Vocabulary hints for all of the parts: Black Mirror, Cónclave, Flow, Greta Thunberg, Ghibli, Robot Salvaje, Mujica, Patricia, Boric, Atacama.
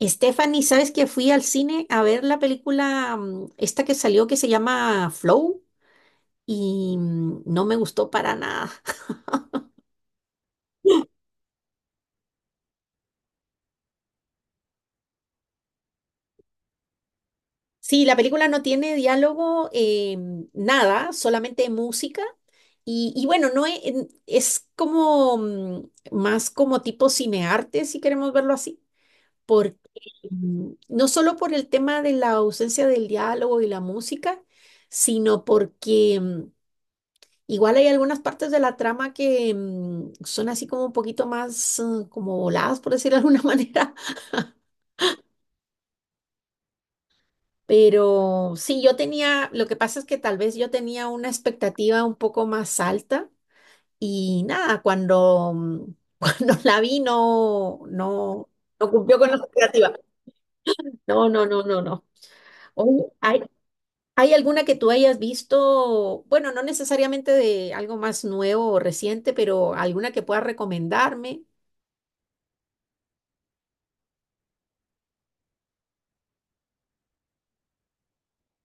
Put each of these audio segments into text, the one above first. Stephanie, ¿sabes que fui al cine a ver la película esta que salió que se llama Flow y no me gustó para nada? Sí, la película no tiene diálogo, nada, solamente música. Y bueno, no es, en- es como más como tipo cinearte, si queremos verlo así, porque no solo por el tema de la ausencia del diálogo y la música, sino porque igual hay algunas partes de la trama que son así como un poquito más como voladas, por decirlo de alguna manera, pero sí, lo que pasa es que tal vez yo tenía una expectativa un poco más alta y nada, cuando la vi no cumplió con la expectativa. No, no, no, no, no. Oye, ¿ hay alguna que tú hayas visto, bueno, no necesariamente de algo más nuevo o reciente, pero alguna que puedas recomendarme?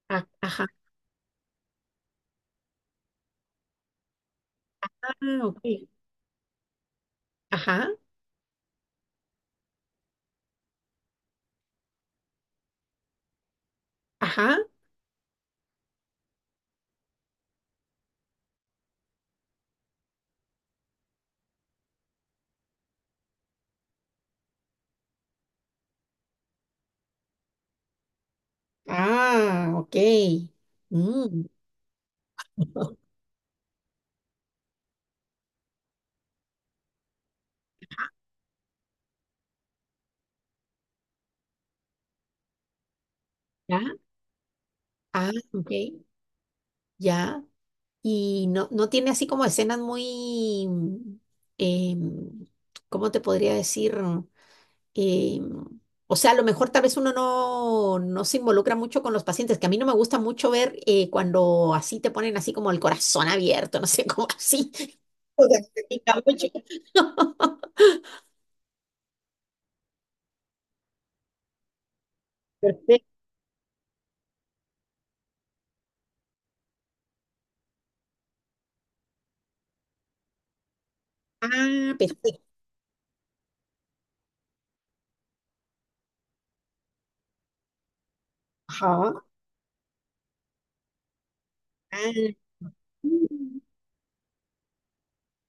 Ah, ajá. Ah, ok. Ajá, ajá. Ah, ok. Mm. Ya. Ah, ok. Ya. Y no, no tiene así como escenas muy, em, ¿cómo te podría decir? Em, o sea, a lo mejor tal vez uno no se involucra mucho con los pacientes, que a mí no me gusta mucho ver cuando así te ponen así como el corazón abierto, no sé, como así. Porque me pica mucho. Perfecto. Ah, perfecto. Ah, mm.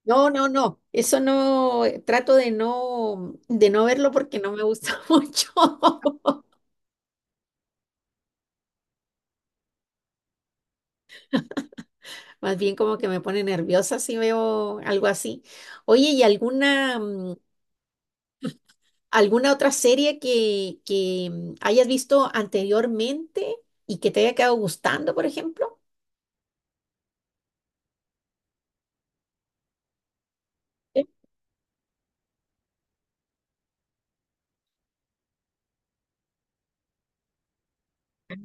No, no, no, eso no, trato de no verlo porque no me gusta mucho. Más bien como que me pone nerviosa si veo algo así. Oye, ¿y alguna otra serie que hayas visto anteriormente y que te haya quedado gustando, por ejemplo? Sí.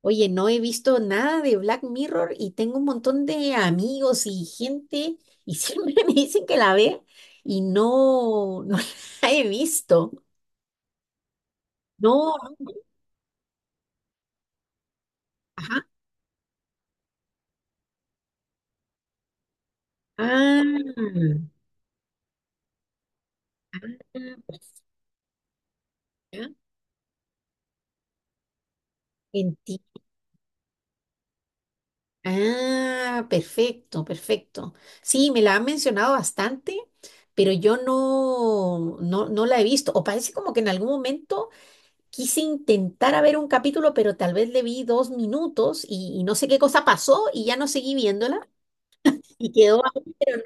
Oye, no he visto nada de Black Mirror y tengo un montón de amigos y gente y siempre me dicen que la ve y no la he visto. No, no, ajá. Ah, ah, pues, ya, enti- Ah, perfecto, perfecto. Sí, me la han mencionado bastante, pero yo no, no la he visto. O parece como que en algún momento quise intentar a ver un capítulo, pero tal vez le vi dos minutos y no sé qué cosa pasó y ya no seguí viéndola y quedó ahí, pero no.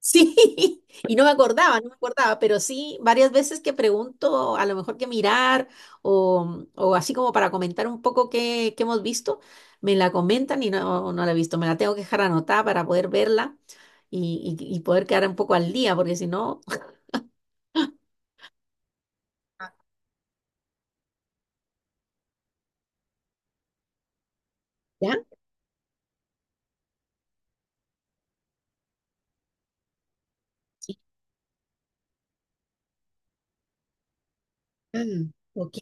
Sí, y no me acordaba, pero sí, varias veces que pregunto a lo mejor qué mirar o así como para comentar un poco qué hemos visto, me la comentan y no la he visto, me la tengo que dejar anotada para poder verla y poder quedar un poco al día, porque si no, ¿ya? Sí. Ah, ok.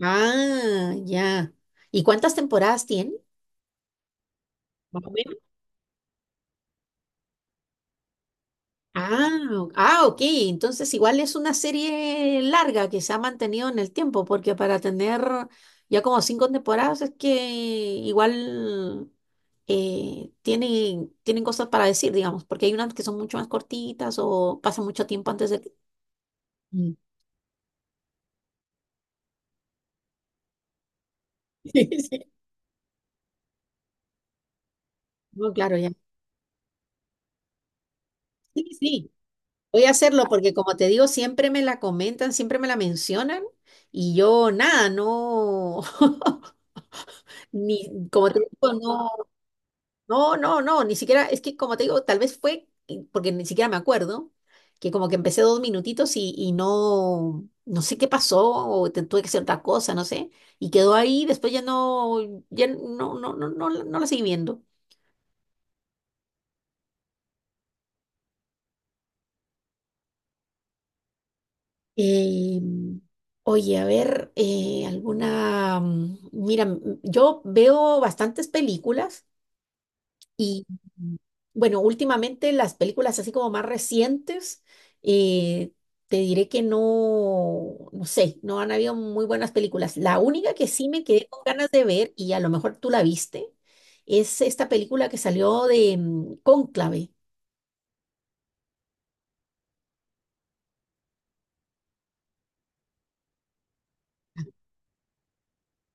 Ah, ya. ¿Y cuántas temporadas tiene? Más o menos. Ah, o- ah, ok. Entonces igual es una serie larga que se ha mantenido en el tiempo, porque para tener ya como cinco temporadas es que igual tienen cosas para decir, digamos, porque hay unas que son mucho más cortitas o pasan mucho tiempo antes de... que- Mm. Sí, sí. No, claro, ya. Sí, sí. Voy a hacerlo porque, como te digo, siempre me la comentan, siempre me la mencionan y yo nada, no, ni, como te digo, no, no, no, no, ni siquiera, es que como te digo, tal vez fue, y- porque ni siquiera me acuerdo, que como que empecé dos minutitos y no, no sé qué pasó o te- tuve que hacer otra cosa, no sé, y quedó ahí, después ya no, ya no, no, no, no, la- no la seguí viendo. Eh, Oye, a ver, alguna... mm, mira, mm, mm, yo veo bastantes películas y, mm, bueno, últimamente las películas así como más recientes, eh, te diré que no sé, no han habido muy buenas películas. La única que sí me quedé con ganas de ver, y a lo mejor tú la viste, es esta película que salió de Cónclave.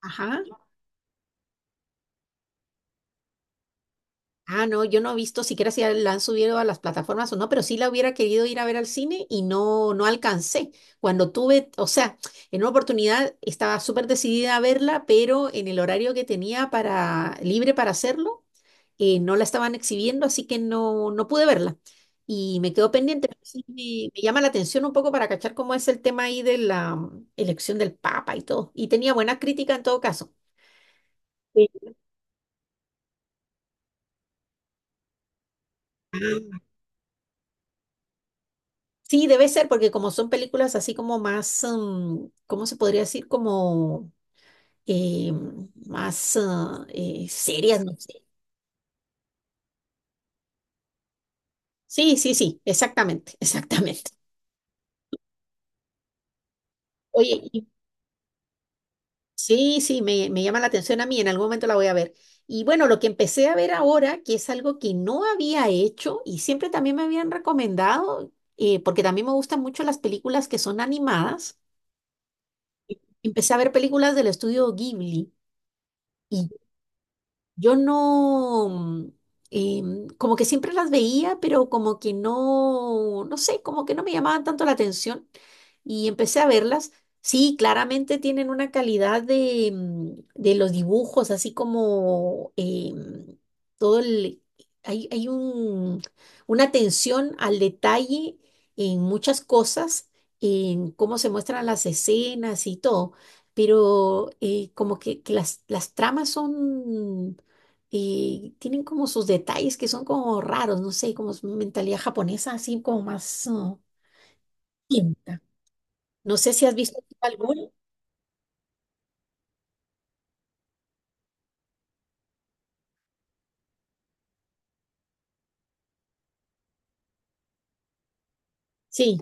Ajá. Ah, no, yo no he visto siquiera si la han subido a las plataformas o no, pero sí la hubiera querido ir a ver al cine y no alcancé. Cuando tuve, o sea, en una oportunidad estaba súper decidida a verla, pero en el horario que tenía para, libre para hacerlo, no la estaban exhibiendo, así que no pude verla. Y me quedó pendiente. Pero sí, me llama la atención un poco para cachar cómo es el tema ahí de la elección del Papa y todo. Y tenía buena crítica en todo caso. Sí. Ah, sí, debe ser, porque como son películas así como más, mm, ¿cómo se podría decir? Como eh, más ah, serias, no sé. Sí, sí, sí, exactamente, exactamente. Oye, y- sí, sí, me llama la atención a mí, en algún momento la voy a ver. Y bueno, lo que empecé a ver ahora, que es algo que no había hecho y siempre también me habían recomendado, porque también me gustan mucho las películas que son animadas, empecé a ver películas del estudio Ghibli. Yo no, como que siempre las veía, pero como que no, no sé, como que no me llamaban tanto la atención y empecé a verlas. Sí, claramente tienen una calidad de los dibujos, así como todo el... Hay una atención al detalle en muchas cosas, en cómo se muestran las escenas y todo, pero como que, que las tramas son y tienen como sus detalles que son como raros, no sé, como su mentalidad japonesa, así como más distinta. No sé si has visto alguna. Sí,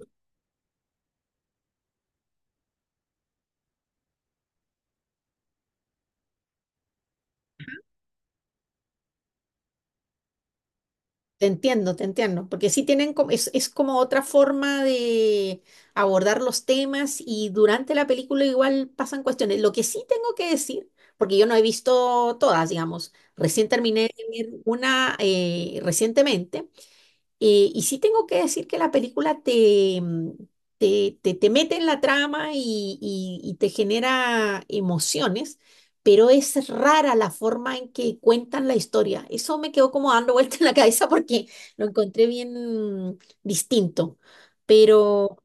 te entiendo, porque sí tienen como, es como otra forma de abordar los temas y durante la película igual pasan cuestiones. Lo que sí tengo que decir, porque yo no he visto todas, digamos, recién terminé de ver una recientemente. Y sí tengo que decir que la película te, mm, te- te mete en la trama y te genera emociones, pero es rara la forma en que cuentan la historia. Eso me quedó como dando vuelta en la cabeza porque lo encontré bien distinto. Pero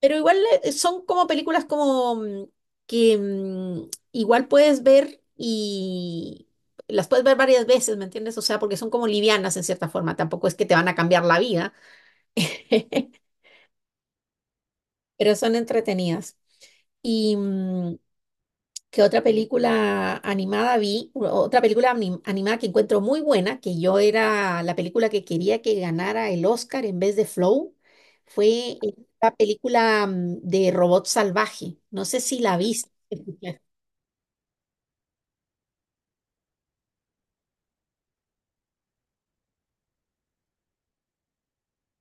pero igual son como películas como que igual puedes ver y las puedes ver varias veces, ¿me entiendes? O sea, porque son como livianas en cierta forma, tampoco es que te van a cambiar la vida, pero son entretenidas. Y, mm, que otra película animada vi, u- otra película anim- animada que encuentro muy buena, que yo era la película que quería que ganara el Oscar en vez de Flow, fue la película de Robot Salvaje. No sé si la viste.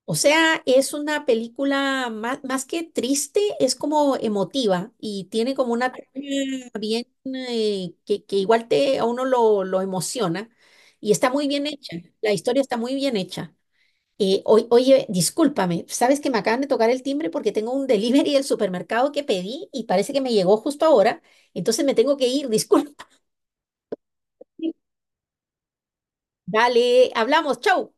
O sea, es una película más, más que triste, es como emotiva y tiene como una trama bien que igual te, a uno lo emociona y está muy bien hecha. La historia está muy bien hecha. Oye, discúlpame, sabes que me acaban de tocar el timbre porque tengo un delivery del supermercado que pedí y parece que me llegó justo ahora, entonces me tengo que ir, disculpa. Dale, hablamos, chau.